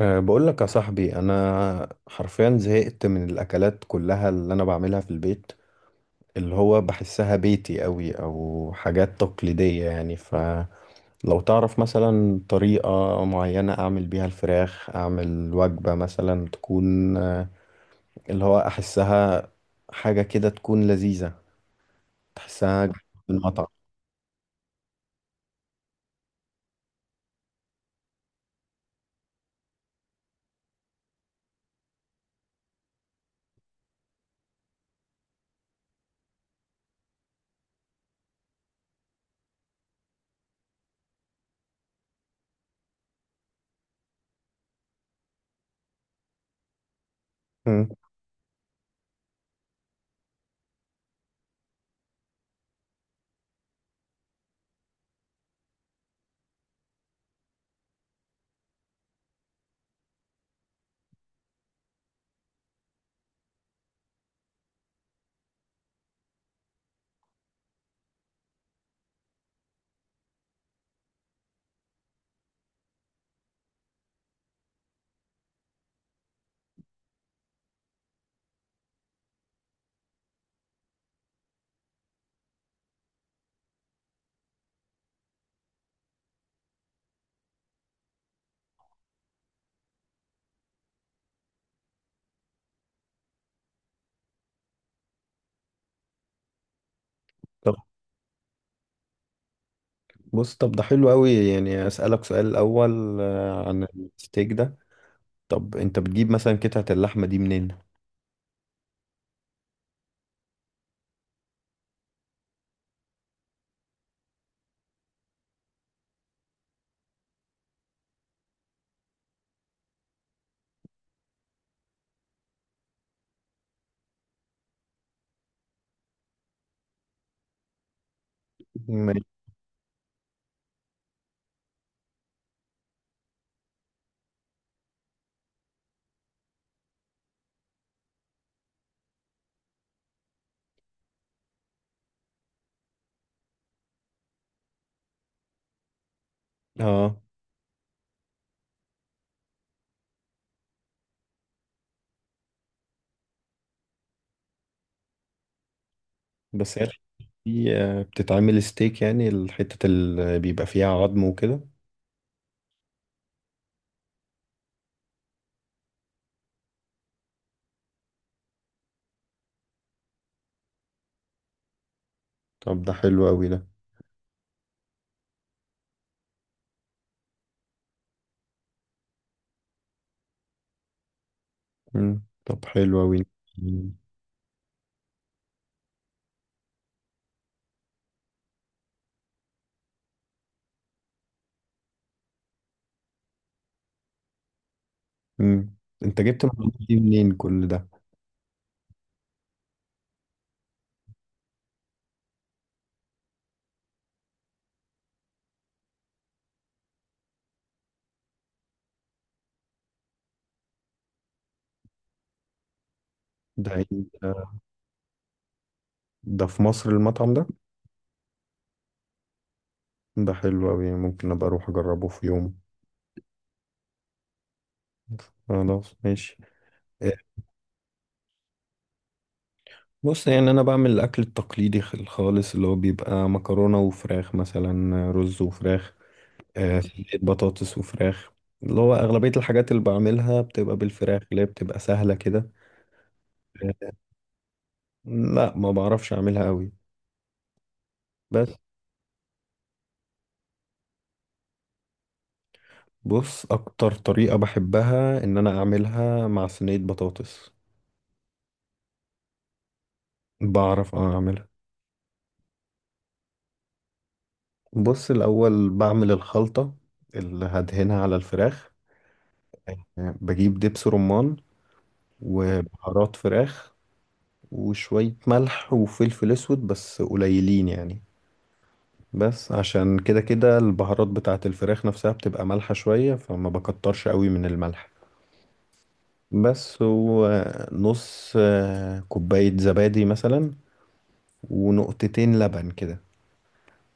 بقول لك يا صاحبي، انا حرفيا زهقت من الاكلات كلها اللي انا بعملها في البيت، اللي هو بحسها بيتي قوي او حاجات تقليدية يعني. فلو تعرف مثلا طريقة معينة اعمل بيها الفراخ، اعمل وجبة مثلا تكون اللي هو احسها حاجة كده تكون لذيذة، تحسها جاية من المطعم. مم. طب. بص، طب ده حلو قوي، يعني اسألك سؤال الاول عن الستيك ده. طب انت بتجيب مثلا قطعة اللحمة دي منين؟ ما- اه. بس هي الحتة دي بتتعمل ستيك، يعني الحتة اللي بيبقى فيها عظم وكده؟ طب ده حلو أوي ده. مم. طب حلو أوي. مم. مم. انت جبت المعلومات دي منين كل ده؟ ده إيه؟ ده في مصر المطعم ده؟ ده حلو أوي، ممكن أبقى أروح أجربه في يوم. خلاص ماشي. آه، بص، يعني أنا بعمل الأكل التقليدي الخالص، اللي هو بيبقى مكرونة وفراخ، مثلا رز وفراخ، صينية بطاطس وفراخ. اللي هو أغلبية الحاجات اللي بعملها بتبقى بالفراخ، اللي هي بتبقى سهلة كده. آه، لا ما بعرفش أعملها قوي. بس، بص أكتر طريقة بحبها إن أنا أعملها مع صينية بطاطس. بعرف أعملها. بص الأول بعمل الخلطة اللي هدهنها على الفراخ. آه، بجيب دبس رمان وبهارات فراخ وشوية ملح وفلفل أسود بس قليلين يعني، بس عشان كده كده البهارات بتاعة الفراخ نفسها بتبقى مالحة شوية فما بكترش قوي من الملح. بس هو نص كوباية زبادي مثلا، ونقطتين لبن كده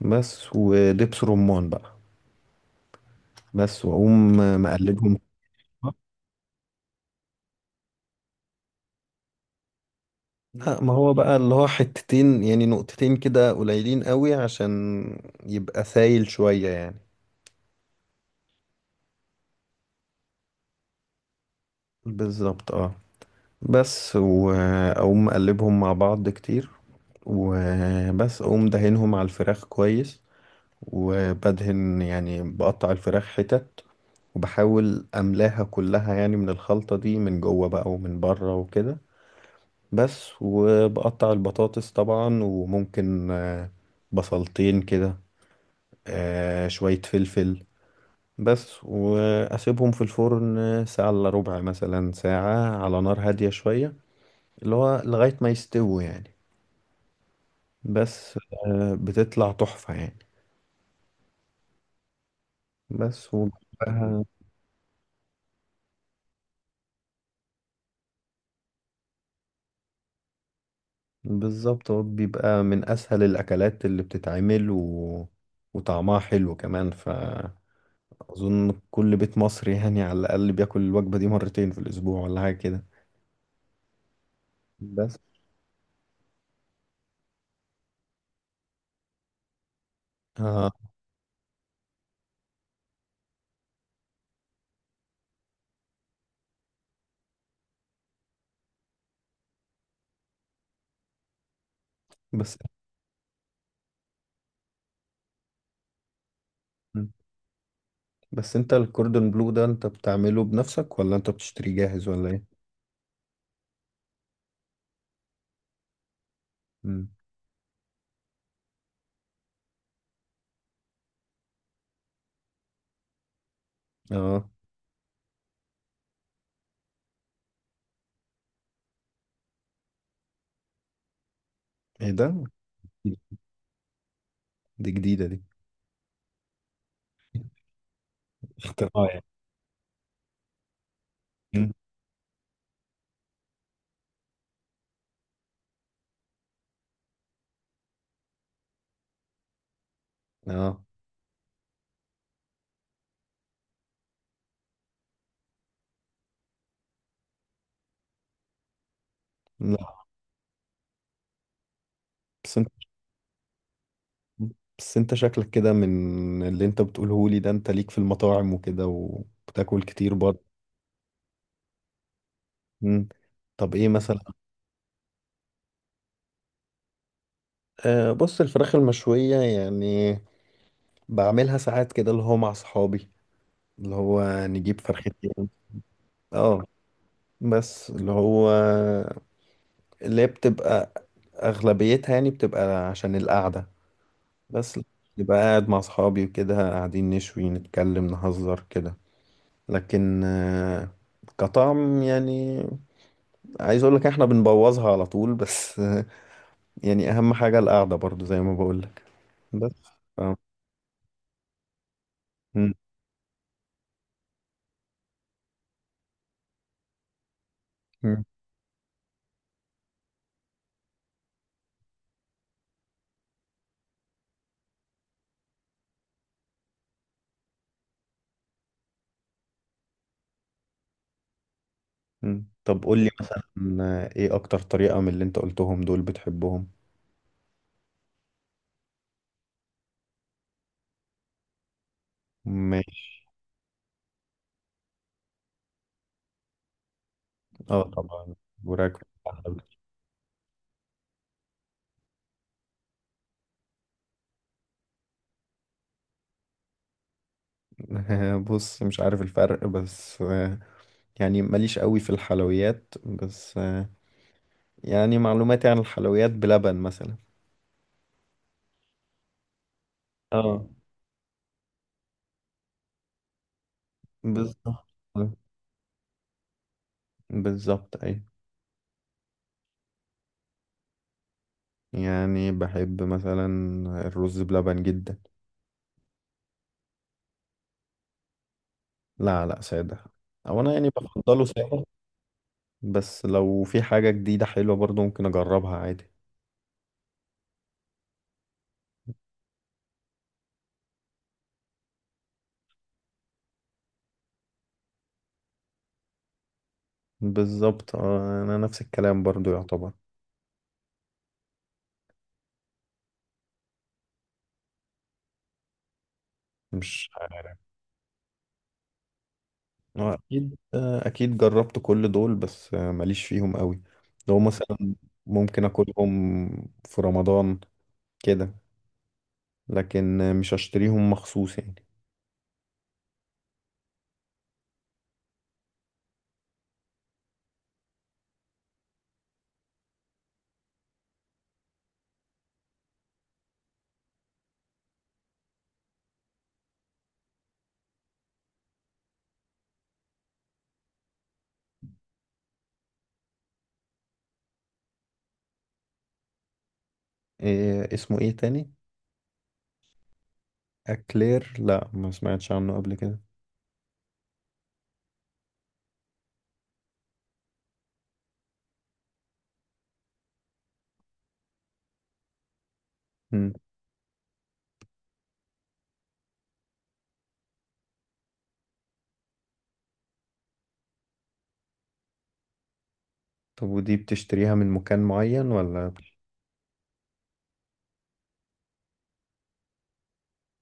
بس، ودبس رمان بقى بس، واقوم مقلبهم. لا ما هو بقى اللي هو حتتين، يعني نقطتين كده قليلين قوي عشان يبقى سايل شوية يعني. بالظبط اه. بس وأقوم أقلبهم مع بعض كتير، وبس أقوم دهنهم على الفراخ كويس، وبدهن يعني بقطع الفراخ حتت، وبحاول أملاها كلها يعني من الخلطة دي من جوه بقى ومن بره وكده. بس وبقطع البطاطس طبعا، وممكن بصلتين كده، شوية فلفل. بس وأسيبهم في الفرن ساعة إلا ربع، مثلا ساعة، على نار هادية شوية، اللي هو لغاية ما يستووا يعني. بس. بتطلع تحفة يعني. بس وجنبها بالظبط، هو بيبقى من أسهل الأكلات اللي بتتعمل وطعمها حلو كمان. فأظن كل بيت مصري يعني على الأقل بياكل الوجبة دي مرتين في الأسبوع ولا حاجة كده. بس. آه. بس بس أنت الكوردون بلو ده، أنت بتعمله بنفسك ولا أنت بتشتريه جاهز ولا إيه؟ مم. آه. إيه ده؟ دي جديدة دي. اختراع يعني. مم. آه. لا. بس. بس انت شكلك كده من اللي انت بتقوله لي ده، انت ليك في المطاعم وكده وبتاكل كتير برضه. مم. طب ايه مثلا؟ آه، بص الفراخ المشوية يعني بعملها ساعات كده، اللي هو مع صحابي، اللي هو نجيب فرختين. اه. بس اللي هو، اللي هي بتبقى اغلبيتها يعني بتبقى عشان القعدة. بس نبقى قاعد مع صحابي وكده، قاعدين نشوي نتكلم نهزر كده. لكن آه، كطعم يعني عايز اقول لك احنا بنبوظها على طول، بس يعني اهم حاجة القعدة برضو زي ما بقول لك. بس. اه. مم. مم. مم. طب قول لي مثلا، ايه اكتر طريقة من اللي انت قلتهم دول بتحبهم؟ ماشي. اه طبعا. وراك. بص مش عارف الفرق، بس يعني ماليش قوي في الحلويات، بس يعني معلوماتي عن الحلويات بلبن مثلا. اه. بالظبط. بالظبط اي. يعني بحب مثلا الرز بلبن جدا. لا لا سادة. او انا يعني بفضله سادة. بس لو في حاجة جديدة حلوة برضو ممكن اجربها عادي. بالظبط. انا نفس الكلام برضو يعتبر. مش. اكيد، اكيد جربت كل دول، بس ماليش فيهم قوي. لو مثلا ممكن اكلهم في رمضان كده، لكن مش اشتريهم مخصوص يعني. إيه اسمه ايه تاني؟ اكلير. لا ما سمعتش عنه قبل كده. مم. طب ودي بتشتريها من مكان معين ولا؟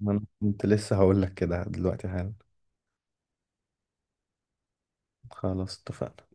ما انا كنت لسه هقول لك كده دلوقتي حالا. خلاص اتفقنا.